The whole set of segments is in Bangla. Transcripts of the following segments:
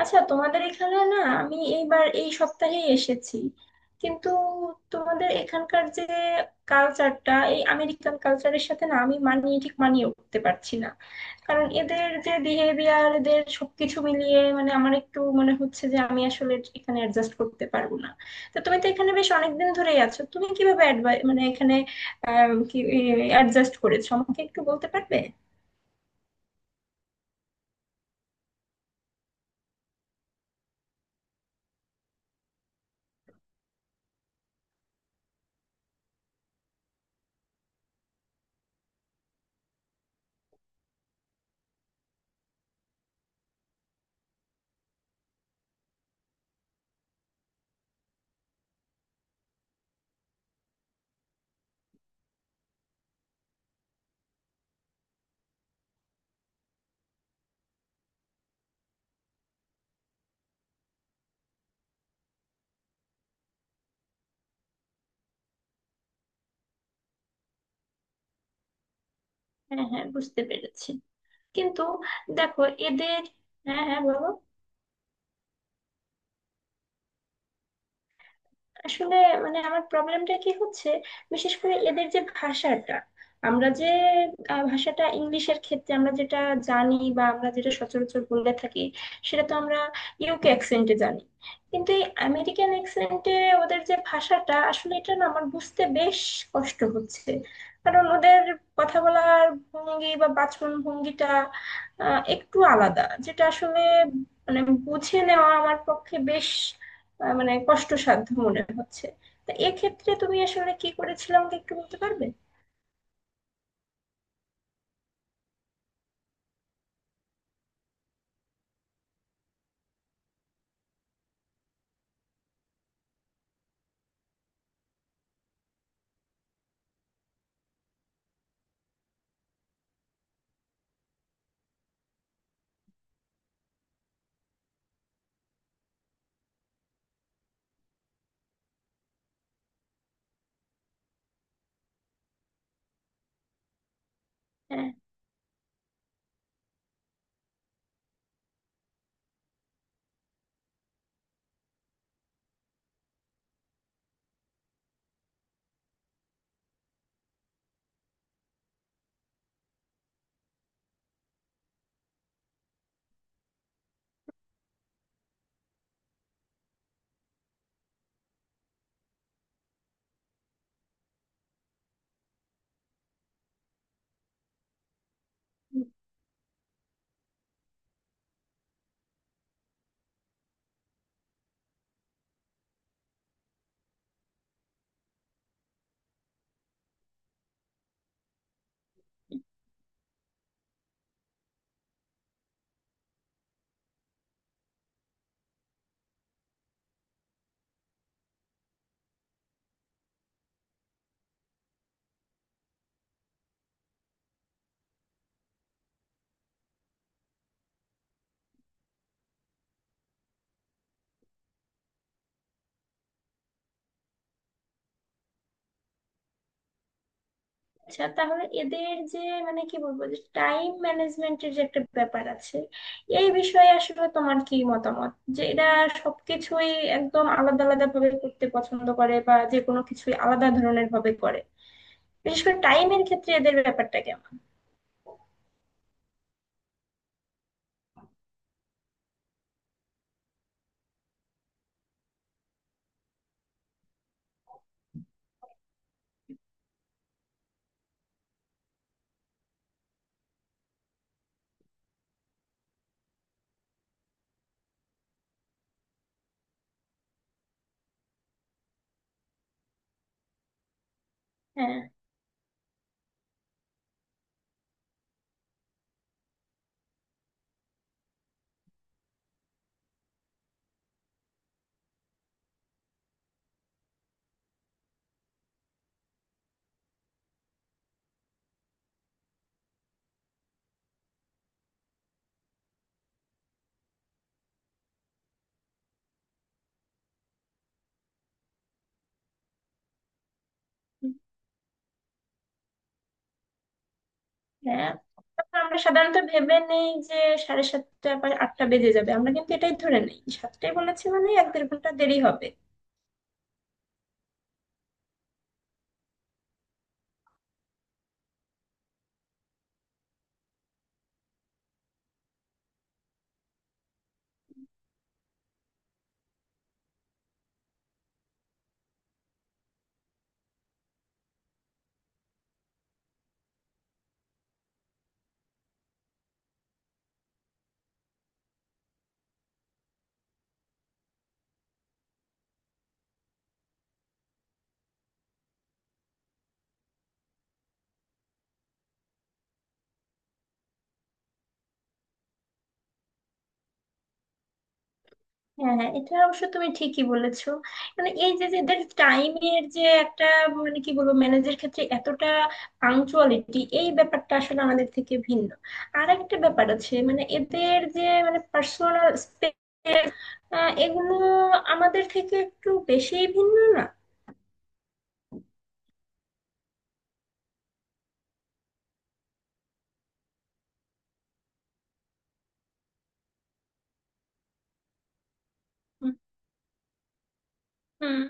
আচ্ছা, তোমাদের এখানে না আমি এইবার এই সপ্তাহেই এসেছি, কিন্তু তোমাদের এখানকার যে কালচারটা এই আমেরিকান কালচারের সাথে না আমি ঠিক মানিয়ে উঠতে পারছি না। কারণ এদের যে বিহেভিয়ার, এদের সবকিছু মিলিয়ে মানে আমার একটু মনে হচ্ছে যে আমি আসলে এখানে অ্যাডজাস্ট করতে পারবো না। তো তুমি তো এখানে বেশ অনেকদিন ধরেই আছো, তুমি কিভাবে advi- মানে এখানে আহ, কি অ্যাডজাস্ট করেছো আমাকে একটু বলতে পারবে? হ্যাঁ হ্যাঁ, বুঝতে পেরেছি, কিন্তু দেখো এদের। হ্যাঁ হ্যাঁ, বলো। আসলে মানে আমার প্রবলেমটা কি হচ্ছে, বিশেষ করে এদের যে ভাষাটা, আমরা যে ভাষাটা ইংলিশের ক্ষেত্রে আমরা যেটা জানি বা আমরা যেটা সচরাচর বলে থাকি, সেটা তো আমরা ইউকে অ্যাকসেন্টে জানি, কিন্তু এই আমেরিকান অ্যাকসেন্টে ওদের যে ভাষাটা আসলে এটা না আমার বুঝতে বেশ কষ্ট হচ্ছে। কারণ ওদের কথা বলার ভঙ্গি বা বাচন ভঙ্গিটা একটু আলাদা, যেটা আসলে মানে বুঝে নেওয়া আমার পক্ষে বেশ মানে কষ্টসাধ্য মনে হচ্ছে। তা এক্ষেত্রে তুমি আসলে কি করেছিলে আমাকে একটু বলতে পারবে? হ্যাঁ। আচ্ছা, তাহলে এদের যে মানে কি বলবো, যে টাইম ম্যানেজমেন্টের যে একটা ব্যাপার আছে, এই বিষয়ে আসলে তোমার কি মতামত? যে এরা সবকিছুই একদম আলাদা আলাদা ভাবে করতে পছন্দ করে বা যে কোনো কিছুই আলাদা ধরনের ভাবে করে, বিশেষ করে টাইমের ক্ষেত্রে এদের ব্যাপারটা কেমন? হ্যাঁ। হ্যাঁ, তারপর আমরা সাধারণত ভেবে নেই যে সাড়ে সাতটা বা আটটা বেজে যাবে, আমরা কিন্তু এটাই ধরে নেই সাতটায় বলেছি মানে এক দেড় ঘন্টা দেরি হবে। হ্যাঁ হ্যাঁ, এটা অবশ্য তুমি ঠিকই বলেছো। মানে এই যে যে এদের টাইমের যে একটা মানে কি বলবো, ম্যানেজের ক্ষেত্রে এতটা পাংচুয়ালিটি, এই ব্যাপারটা আসলে আমাদের থেকে ভিন্ন। আর একটা ব্যাপার আছে, মানে এদের যে মানে পার্সোনাল স্পেস, এগুলো আমাদের থেকে একটু বেশি ভিন্ন না? হুম। হুম,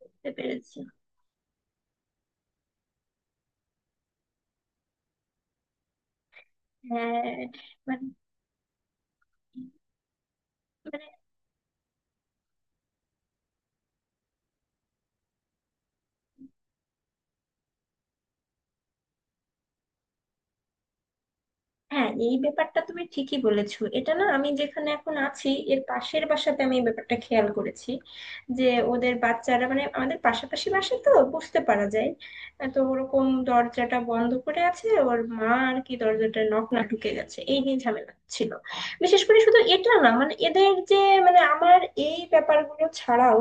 বুঝতে পেরেছি। হ্যাঁ, মানে মানে। হ্যাঁ, এই ব্যাপারটা তুমি ঠিকই বলেছো। এটা না আমি যেখানে এখন আছি এর পাশের বাসাতে আমি এই ব্যাপারটা খেয়াল করেছি। যে ওদের বাচ্চারা, মানে আমাদের পাশাপাশি বাসা তো বুঝতে পারা যায়, তো ওরকম দরজাটা বন্ধ করে আছে, ওর মা আর কি দরজাটা নক না ঢুকে গেছে, এই নিয়ে ঝামেলা ছিল। বিশেষ করে শুধু এটা না, মানে এদের যে মানে আমার এই ব্যাপারগুলো ছাড়াও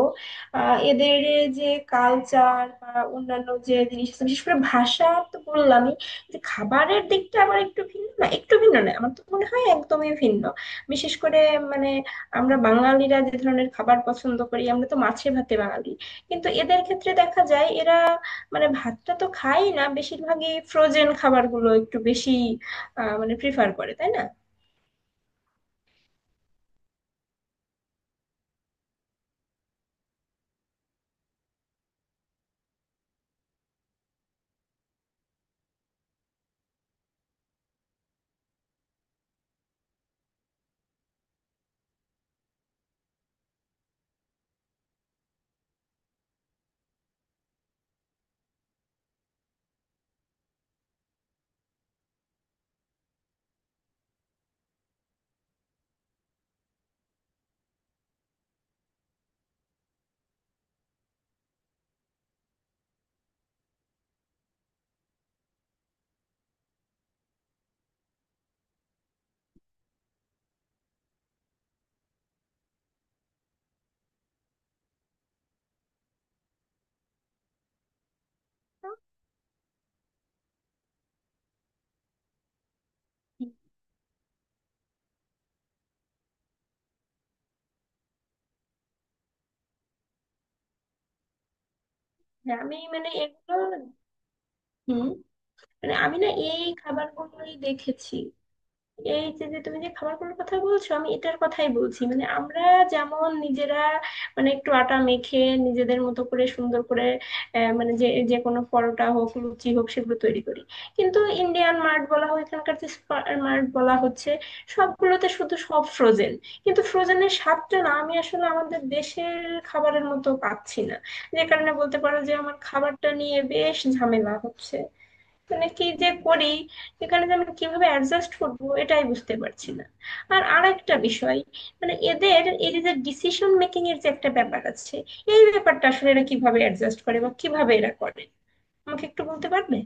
আহ এদের যে কালচার বা অন্যান্য যে জিনিস আছে, বিশেষ করে ভাষা তো বললাম। কিন্তু খাবারের দিকটা আবার একটু ভিন্ন না, আমার তো মনে হয় একদমই ভিন্ন। বিশেষ করে মানে আমরা বাঙালিরা যে ধরনের খাবার পছন্দ করি, আমরা তো মাছে ভাতে বাঙালি। কিন্তু এদের ক্ষেত্রে দেখা যায় এরা মানে ভাতটা তো খায় না, বেশিরভাগই ফ্রোজেন খাবারগুলো একটু বেশি আহ মানে প্রিফার করে, তাই না? হ্যাঁ, আমি মানে এগুলো। হুম। মানে আমি না এই খাবারগুলোই দেখেছি। এই যে যে তুমি যে খাবারগুলোর কথা বলছো আমি এটার কথাই বলছি। মানে আমরা যেমন নিজেরা মানে একটু আটা মেখে নিজেদের মতো করে সুন্দর করে মানে যে যে কোনো পরোটা হোক লুচি হোক সেগুলো তৈরি করি। কিন্তু ইন্ডিয়ান মার্ট বলা হয় এখানকার যে মার্ট বলা হচ্ছে, সবগুলোতে শুধু সব ফ্রোজেন। কিন্তু ফ্রোজেনের স্বাদটা না আমি আসলে আমাদের দেশের খাবারের মতো পাচ্ছি না। যে কারণে বলতে পারো যে আমার খাবারটা নিয়ে বেশ ঝামেলা হচ্ছে। মানে কি যে করি, এখানে যে আমি কিভাবে অ্যাডজাস্ট করব এটাই বুঝতে পারছি না। আর আরেকটা বিষয়, মানে এদের এই যে ডিসিশন মেকিং এর যে একটা ব্যাপার আছে, এই ব্যাপারটা আসলে এরা কিভাবে অ্যাডজাস্ট করে বা কিভাবে এরা করে আমাকে একটু বলতে পারবে?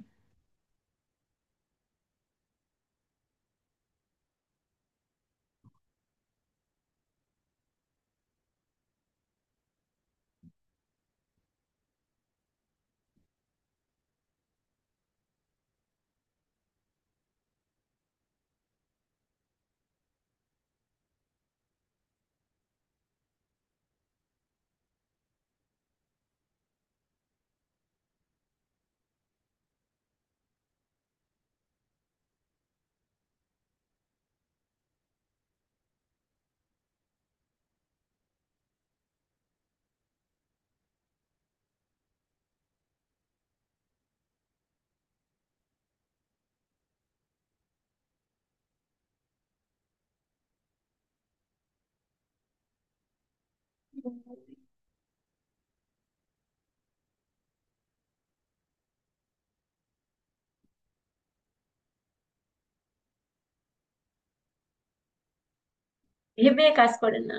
ভেবে কাজ করে না।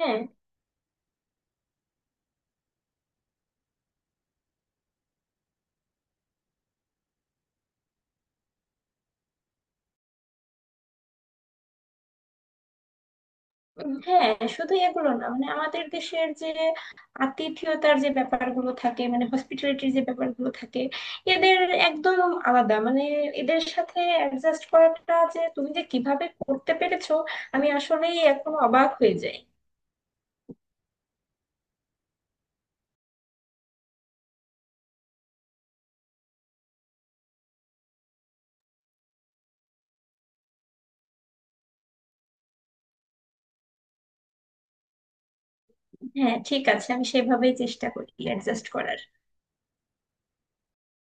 হ্যাঁ হ্যাঁ, শুধু এগুলো না, মানে আমাদের দেশের যে আতিথেয়তার যে ব্যাপারগুলো থাকে, মানে হসপিটালিটির যে ব্যাপারগুলো থাকে, এদের একদম আলাদা। মানে এদের সাথে অ্যাডজাস্ট করাটা যে তুমি যে কিভাবে করতে পেরেছো, আমি আসলেই এখন অবাক হয়ে যাই। হ্যাঁ ঠিক আছে, আমি সেভাবেই চেষ্টা করি অ্যাডজাস্ট করার।